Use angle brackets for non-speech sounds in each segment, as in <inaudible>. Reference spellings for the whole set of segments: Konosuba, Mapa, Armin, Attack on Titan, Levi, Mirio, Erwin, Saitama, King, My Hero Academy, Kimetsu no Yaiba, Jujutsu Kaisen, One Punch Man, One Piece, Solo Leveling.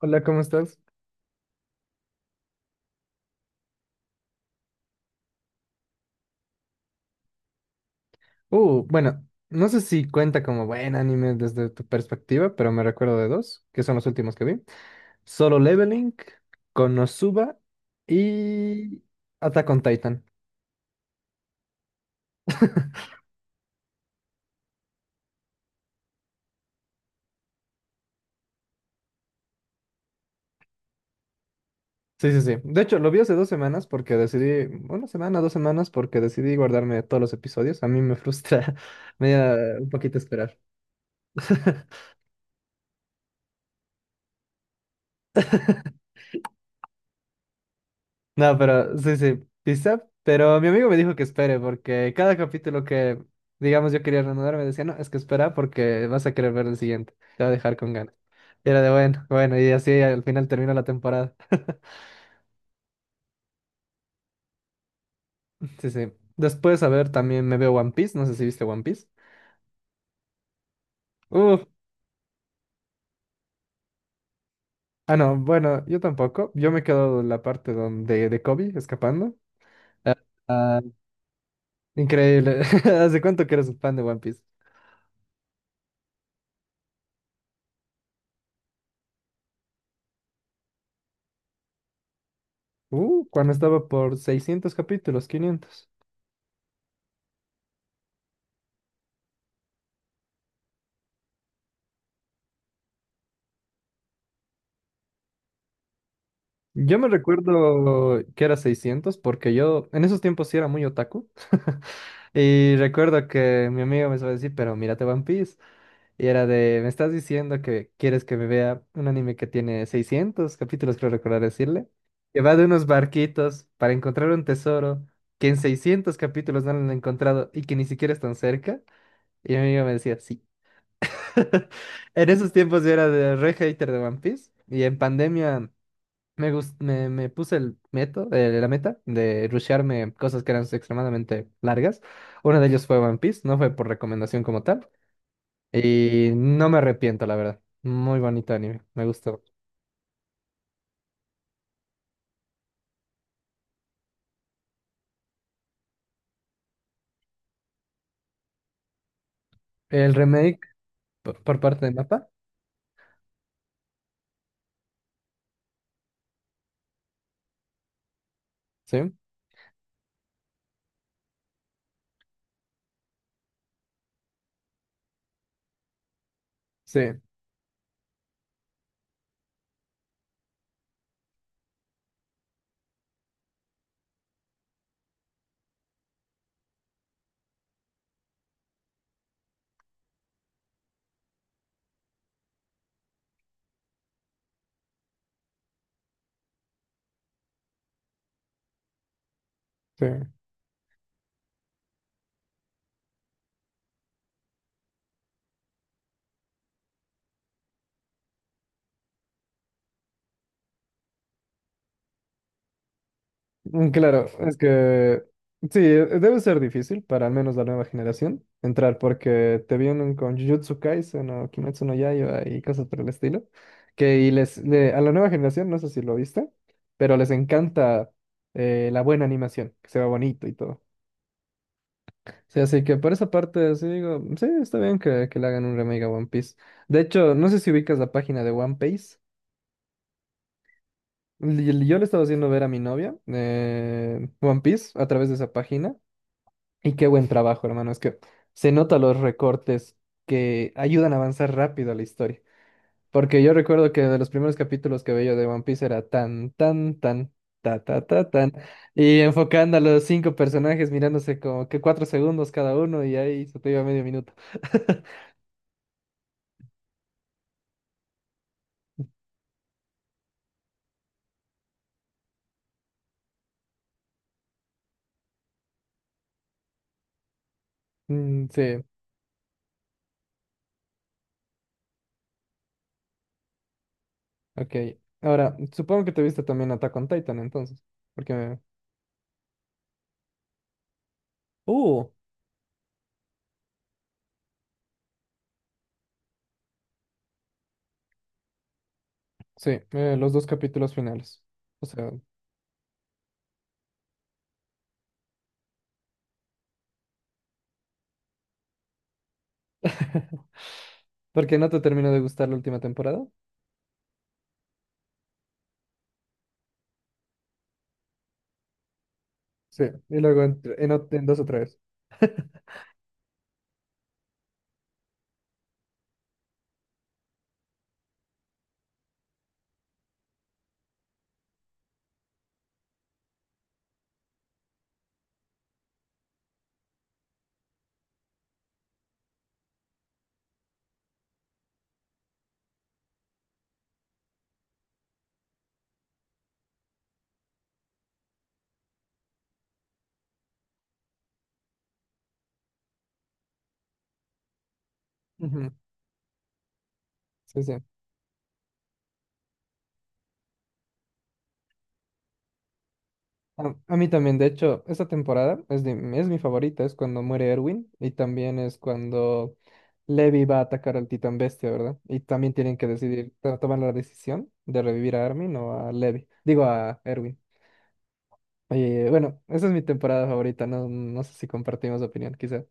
Hola, ¿cómo estás? Bueno, no sé si cuenta como buen anime desde tu perspectiva, pero me recuerdo de dos, que son los últimos que vi. Solo Leveling, Konosuba y Attack on Titan. <laughs> Sí, sí, sí. De hecho, lo vi hace 2 semanas porque decidí, una semana, 2 semanas, porque decidí guardarme todos los episodios. A mí me frustra, <laughs> me da un poquito esperar. <laughs> No, pero sí, sí, pizza. Pero mi amigo me dijo que espere, porque cada capítulo que, digamos, yo quería reanudar, me decía, no, es que espera porque vas a querer ver el siguiente. Te va a dejar con ganas. Y era de bueno, bueno, y así al final termina la temporada. <laughs> Sí, sí. Después, a ver, también me veo One Piece. No sé si viste One Piece. Uf. Ah, no, bueno, yo tampoco. Yo me quedo en la parte donde de Kobe escapando. Ah, ah, increíble. <laughs> ¿Hace cuánto que eres un fan de One Piece? Cuando estaba por 600 capítulos, 500. Yo me recuerdo que era 600 porque yo en esos tiempos sí era muy otaku. <laughs> Y recuerdo que mi amigo me suele decir, pero mírate One Piece. Y era de, me estás diciendo que quieres que me vea un anime que tiene 600 capítulos, creo recordar decirle, que va de unos barquitos para encontrar un tesoro que en 600 capítulos no lo han encontrado y que ni siquiera están cerca. Y mi amigo me decía, sí. <laughs> En esos tiempos yo era de re hater de One Piece. Y en pandemia. Me puse la meta de rushearme cosas que eran extremadamente largas. Uno de ellos fue One Piece, no fue por recomendación como tal. Y no me arrepiento, la verdad. Muy bonito anime, me gustó. El remake por parte de Mapa, sí, sí, sí. Mm, claro, es que sí, debe ser difícil para al menos la nueva generación entrar porque te vienen con Jujutsu Kaisen o Kimetsu no Yaiba y cosas por el estilo, que y a la nueva generación, no sé si lo viste, pero les encanta la buena animación, que se ve bonito y todo. Sí, así que por esa parte sí digo, sí, está bien que le hagan un remake a One Piece. De hecho, no sé si ubicas la página de One Piece. Yo le estaba haciendo ver a mi novia One Piece a través de esa página. Y qué buen trabajo, hermano. Es que se notan los recortes que ayudan a avanzar rápido a la historia. Porque yo recuerdo que de los primeros capítulos que veía de One Piece era tan, tan, tan, ta, ta, ta, tan. Y enfocando a los cinco personajes, mirándose como que 4 segundos cada uno y ahí se te iba medio minuto. <laughs> Mm, sí, ok. Ahora, supongo que te viste también Attack on Titan entonces. Porque me... Uh, sí, los dos capítulos finales. O sea, porque no te terminó de gustar la última temporada. Sí, y luego en dos o tres. Ujú. Sí, sí. A mí también, de hecho, esta temporada es mi favorita, es cuando muere Erwin y también es cuando Levi va a atacar al Titán Bestia, ¿verdad? Y también tienen que decidir, tomar la decisión de revivir a Armin o a Levi, digo a Erwin. Oye, bueno, esa es mi temporada favorita, no, no sé si compartimos opinión, quizá.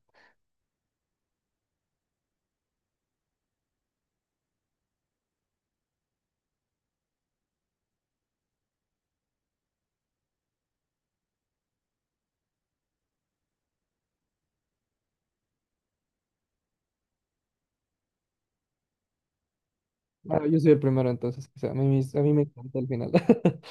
Ah, yo soy el primero entonces, quizá. A mí me encanta el final. <laughs>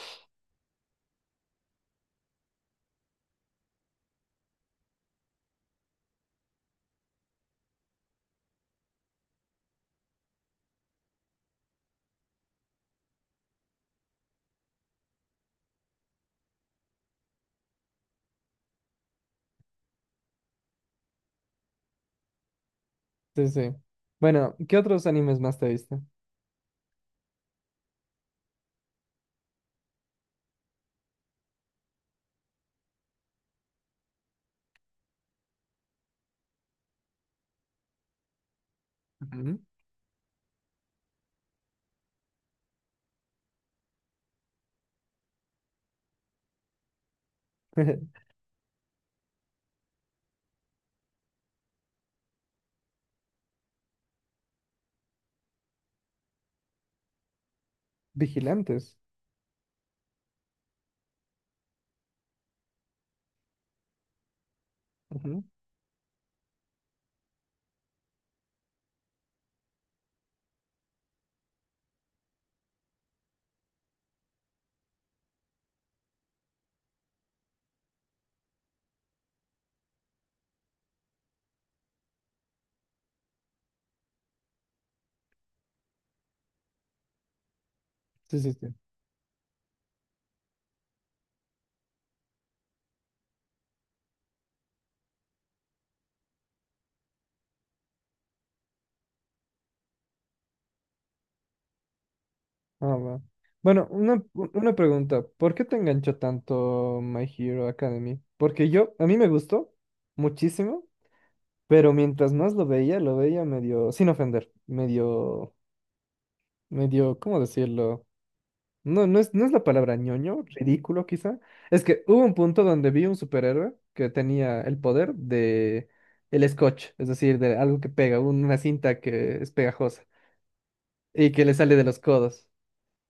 Sí, sí. Bueno, ¿qué otros animes más te viste? Ujú. <laughs> Vigilantes. Ujú. Sí, sí, sí. Ah, va. Bueno, una pregunta. ¿Por qué te enganchó tanto My Hero Academy? Porque yo, a mí me gustó muchísimo, pero mientras más lo veía medio, sin ofender, medio, ¿cómo decirlo? No, no es la palabra ñoño, ridículo quizá. Es que hubo un punto donde vi un superhéroe que tenía el poder de el scotch, es decir, de algo que pega, una cinta que es pegajosa y que le sale de los codos.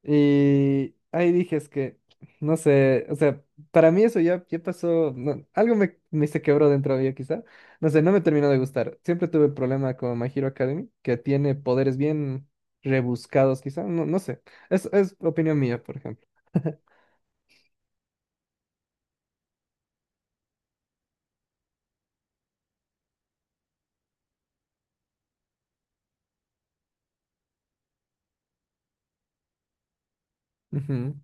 Y ahí dije, es que, no sé, o sea, para mí eso ya pasó, algo me se quebró dentro de mí quizá, no sé, no me terminó de gustar. Siempre tuve problema con My Hero Academy, que tiene poderes bien rebuscados quizá, no, no sé, es opinión mía, por ejemplo. Ujú,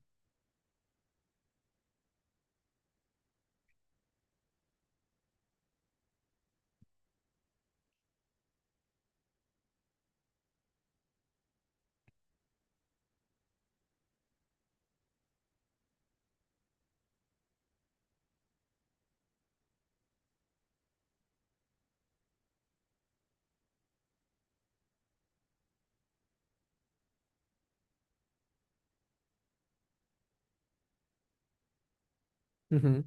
ujú.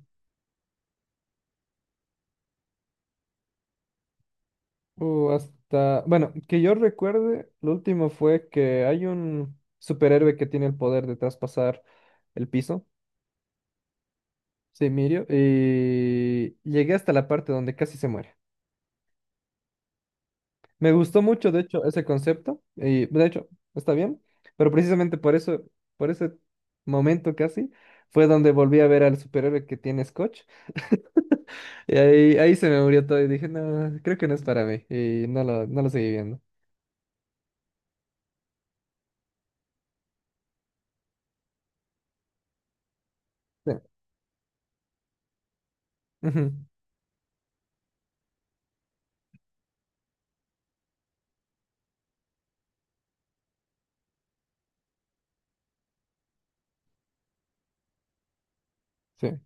O hasta, bueno, que yo recuerde, lo último fue que hay un superhéroe que tiene el poder de traspasar el piso, sí, Mirio, y llegué hasta la parte donde casi se muere. Me gustó mucho, de hecho, ese concepto, y de hecho, está bien, pero precisamente por eso, por ese momento casi, fue donde volví a ver al superhéroe que tiene Scotch, <laughs> y ahí se me murió todo y dije, no, creo que no es para mí, y no lo seguí viendo. Sí, ujú, sí,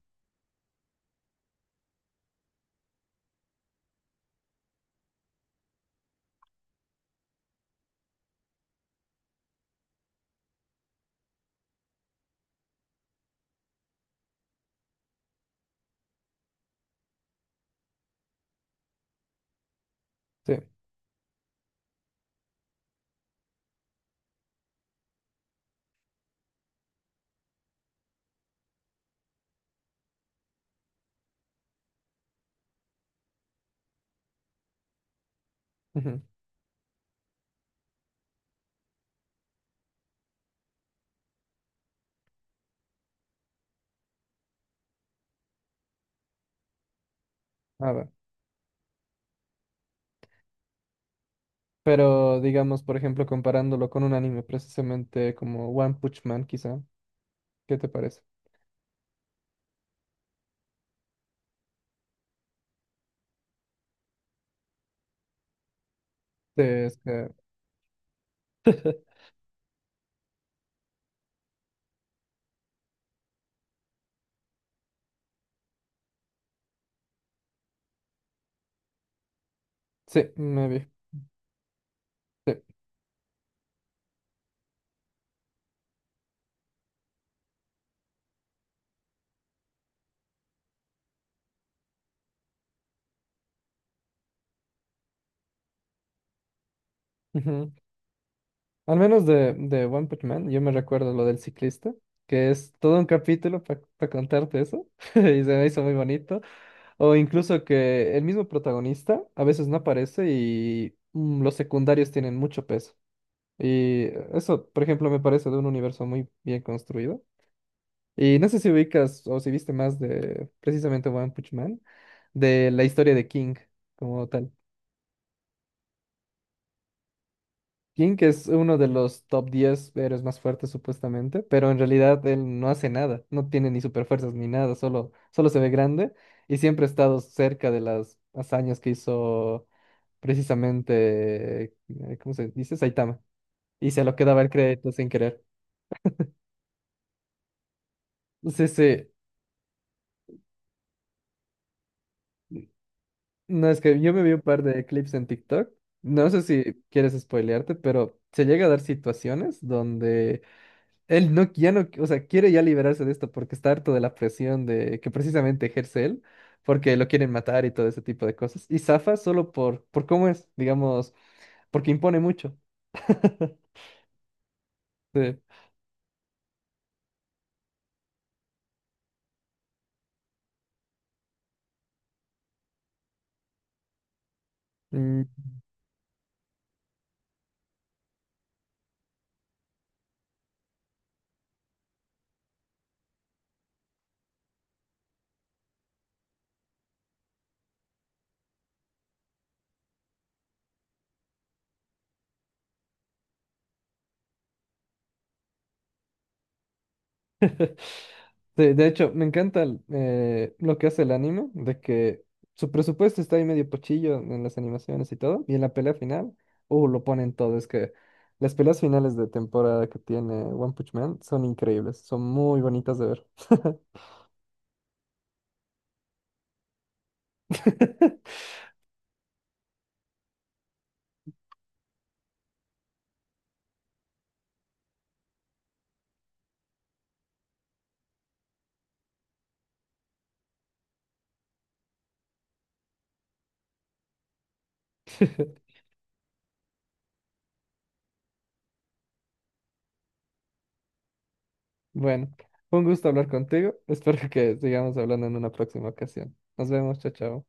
sí, ujú. A ver, pero digamos, por ejemplo, comparándolo con un anime, precisamente como One Punch Man, quizá, ¿qué te parece? Sí, sí, me vi, sí. Al menos de, One Punch Man, yo me recuerdo lo del ciclista, que es todo un capítulo para contarte eso, <laughs> y se me hizo muy bonito. O incluso que el mismo protagonista a veces no aparece y los secundarios tienen mucho peso. Y eso, por ejemplo, me parece de un universo muy bien construido. Y no sé si ubicas o si viste más de precisamente One Punch Man, de la historia de King como tal. King, que es uno de los top 10 héroes más fuertes supuestamente, pero en realidad él no hace nada, no tiene ni superfuerzas ni nada, solo se ve grande y siempre ha estado cerca de las hazañas que hizo precisamente, ¿cómo se dice? Saitama. Y se lo quedaba el crédito sin querer. Sí, sí, no es que yo me vi un par de clips en TikTok, no sé si quieres spoilearte, pero se llega a dar situaciones donde él no, ya no, o sea, quiere ya liberarse de esto porque está harto de la presión de que precisamente ejerce él, porque lo quieren matar y todo ese tipo de cosas. Y zafa solo por cómo es, digamos, porque impone mucho. <laughs> Sí. Mm, sí, de hecho, me encanta lo que hace el anime, de que su presupuesto está ahí medio pochillo en las animaciones y todo, y en la pelea final, lo ponen todo, es que las peleas finales de temporada que tiene One Punch Man son increíbles, son muy bonitas de ver. <laughs> Bueno, fue un gusto hablar contigo. Espero que sigamos hablando en una próxima ocasión. Nos vemos, chao, chao.